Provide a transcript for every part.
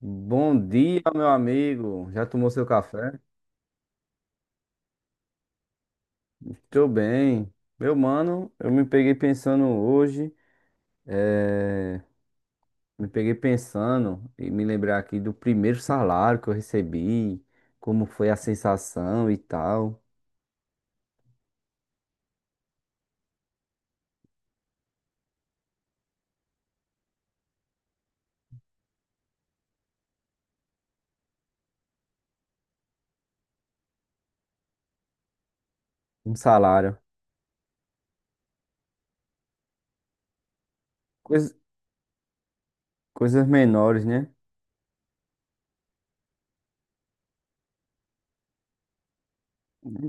Bom dia, meu amigo. Já tomou seu café? Estou bem. Meu mano, eu me peguei pensando hoje, eh, me peguei pensando e me lembrar aqui do primeiro salário que eu recebi, como foi a sensação e tal. Um salário. Cois- coisas menores, né?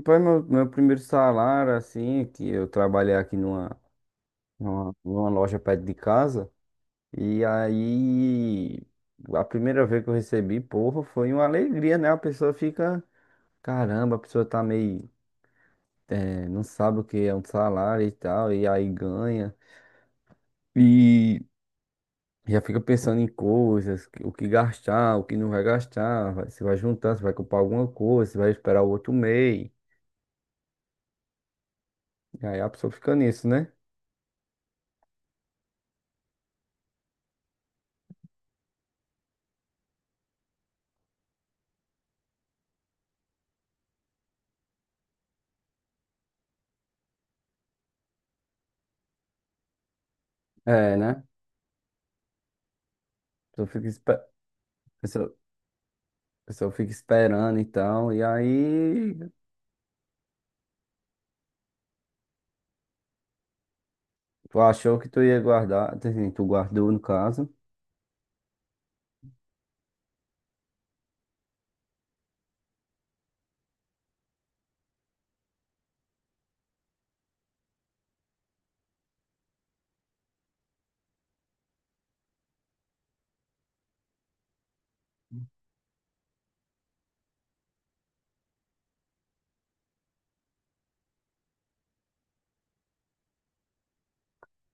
Foi meu primeiro salário, assim, que eu trabalhei aqui numa loja perto de casa. E aí, a primeira vez que eu recebi, porra, foi uma alegria, né? A pessoa fica, caramba, a pessoa tá meio, não sabe o que é um salário e tal, e aí ganha. E já fica pensando em coisas, o que gastar, o que não vai gastar, se vai juntar, se vai comprar alguma coisa, se vai esperar o outro mês. E aí a pessoa fica nisso, né? É, né? A pessoa fica, a pessoa- a pessoa fica esperando e tal, e aí. Tu achou que tu ia guardar, assim, tu guardou no caso.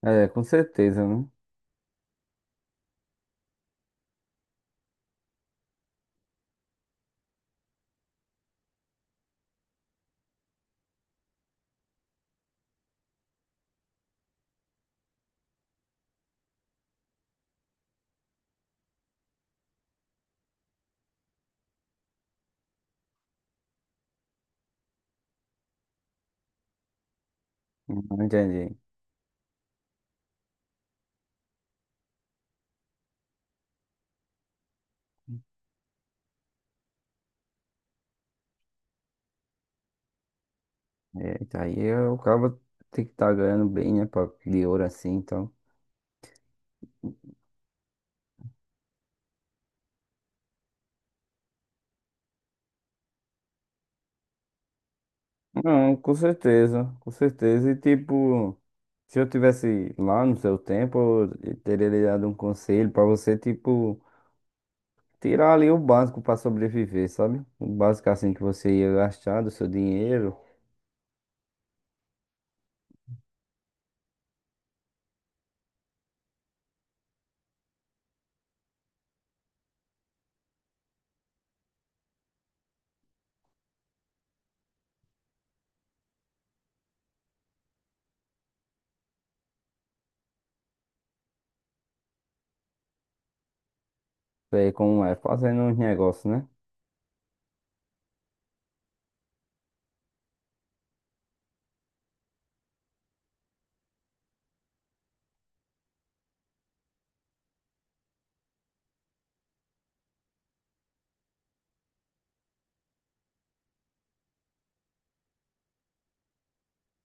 É, com certeza, né? Não entendi. É, tá o cara tem que estar ganhando bem, né? Pra, de ouro assim, então. Não, com certeza, com certeza. E tipo. Se eu tivesse lá no seu tempo, eu teria lhe dado um conselho pra você, tipo, tirar ali o básico pra sobreviver, sabe? O básico assim que você ia gastar do seu dinheiro, é como é, fazendo uns negócios, né?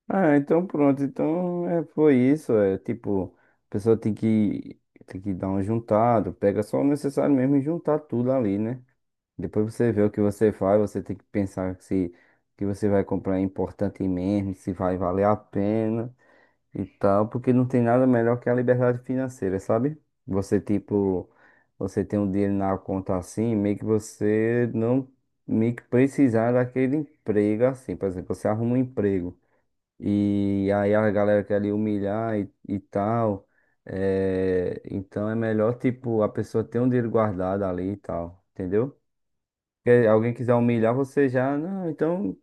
Ah, então pronto, então é, foi isso, é tipo, a pessoa tem que dar um juntado, pega só o necessário mesmo e juntar tudo ali, né? Depois você vê o que você faz, você tem que pensar se o que você vai comprar é importante mesmo, se vai valer a pena. E tal, porque não tem nada melhor que a liberdade financeira, sabe? Você, tipo, você tem um dinheiro na conta assim, meio que você não meio que precisar daquele emprego assim. Por exemplo, você arruma um emprego e aí a galera quer lhe humilhar e tal. É, então é melhor, tipo, a pessoa ter um dinheiro guardado ali e tal, entendeu? Porque alguém quiser humilhar você já, não, então.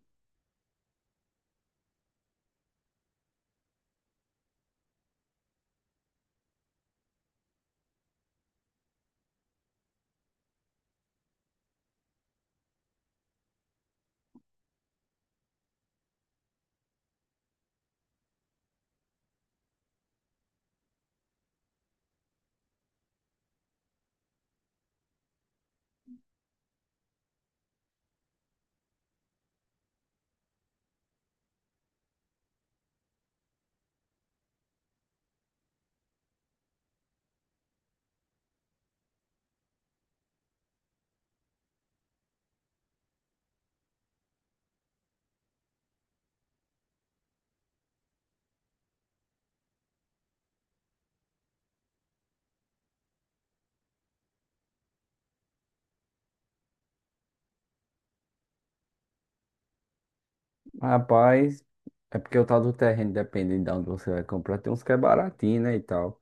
Rapaz, é porque o tal do terreno, dependendo de onde você vai comprar, tem uns que é baratinho, né, e tal.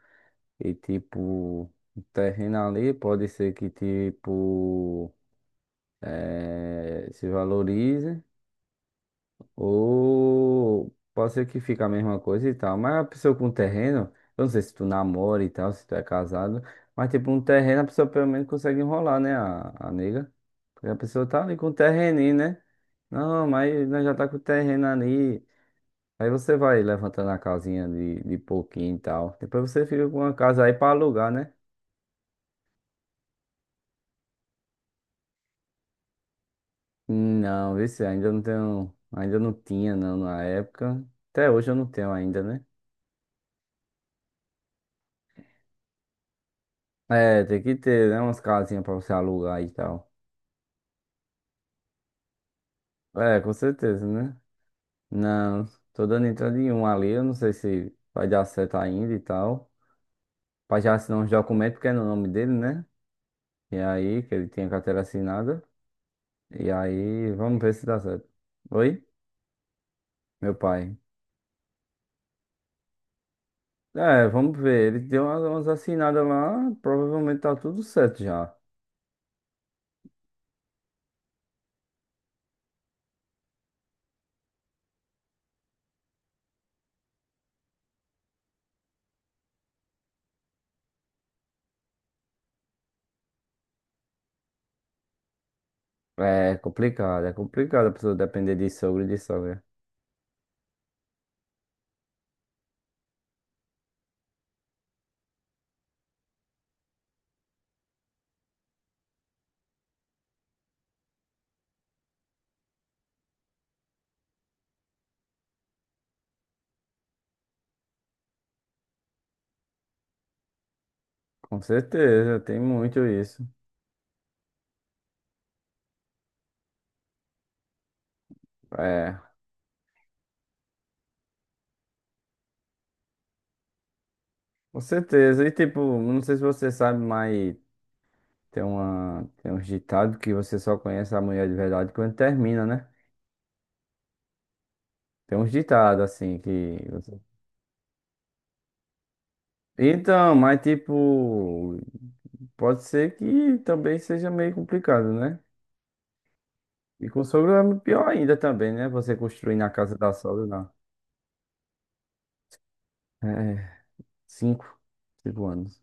E tipo, o terreno ali pode ser que tipo se valorize ou pode ser que fique a mesma coisa e tal. Mas a pessoa com terreno, eu não sei se tu namora e tal, se tu é casado, mas tipo um terreno a pessoa pelo menos consegue enrolar, né, a nega. Porque a pessoa tá ali com o terreninho, né? Não, mas nós já tá com o terreno ali. Aí você vai levantando a casinha de pouquinho e tal. Depois você fica com uma casa aí pra alugar, né? Não, vixe, ainda não tenho. Ainda não tinha, não, na época. Até hoje eu não tenho ainda, né? É, tem que ter, né? Umas casinhas pra você alugar e tal. É, com certeza, né? Não, tô dando entrada em um ali. Eu não sei se vai dar certo ainda e tal. Pra já assinar uns documentos, porque é no nome dele, né? E aí, que ele tinha carteira assinada. E aí, vamos ver se dá certo. Oi? Meu pai. É, vamos ver. Ele deu umas assinadas lá, provavelmente tá tudo certo já. É complicado a pessoa depender de sogro e de sogra. Com certeza, tem muito isso. É, com certeza. E tipo, não sei se você sabe, mas tem uma, tem uns ditados que você só conhece a mulher de verdade quando termina, né? Tem uns ditados assim que você... Então, mas tipo, pode ser que também seja meio complicado, né? E com sogra é pior ainda também, né? Você construir na casa da sogra, não. É, cinco, cinco anos.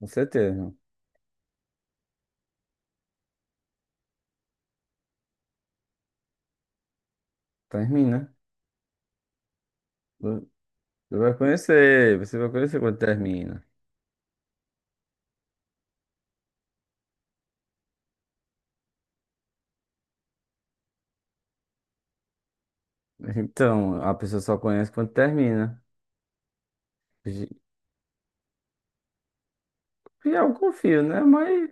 Com certeza, não. Termina. Você você vai conhecer quando termina. Então, a pessoa só conhece quando termina. E eu confio, né? Mas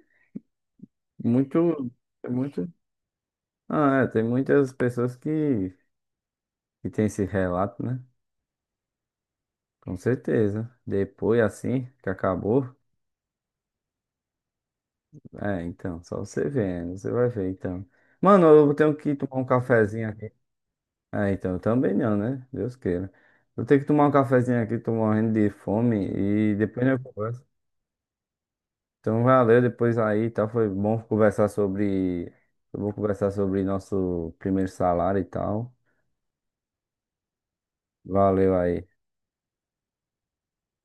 muito, é muito. Ah, é, tem muitas pessoas que tem esse relato, né? Com certeza. Depois, assim, que acabou. É, então, só você vendo, você vai ver, então. Mano, eu tenho que tomar um cafezinho aqui. É, então, eu também não, né? Deus queira. Eu tenho que tomar um cafezinho aqui, tô morrendo de fome e depois eu converso. Então, valeu, depois aí, tá? Foi bom conversar sobre. Foi bom conversar sobre nosso primeiro salário e tal. Valeu aí.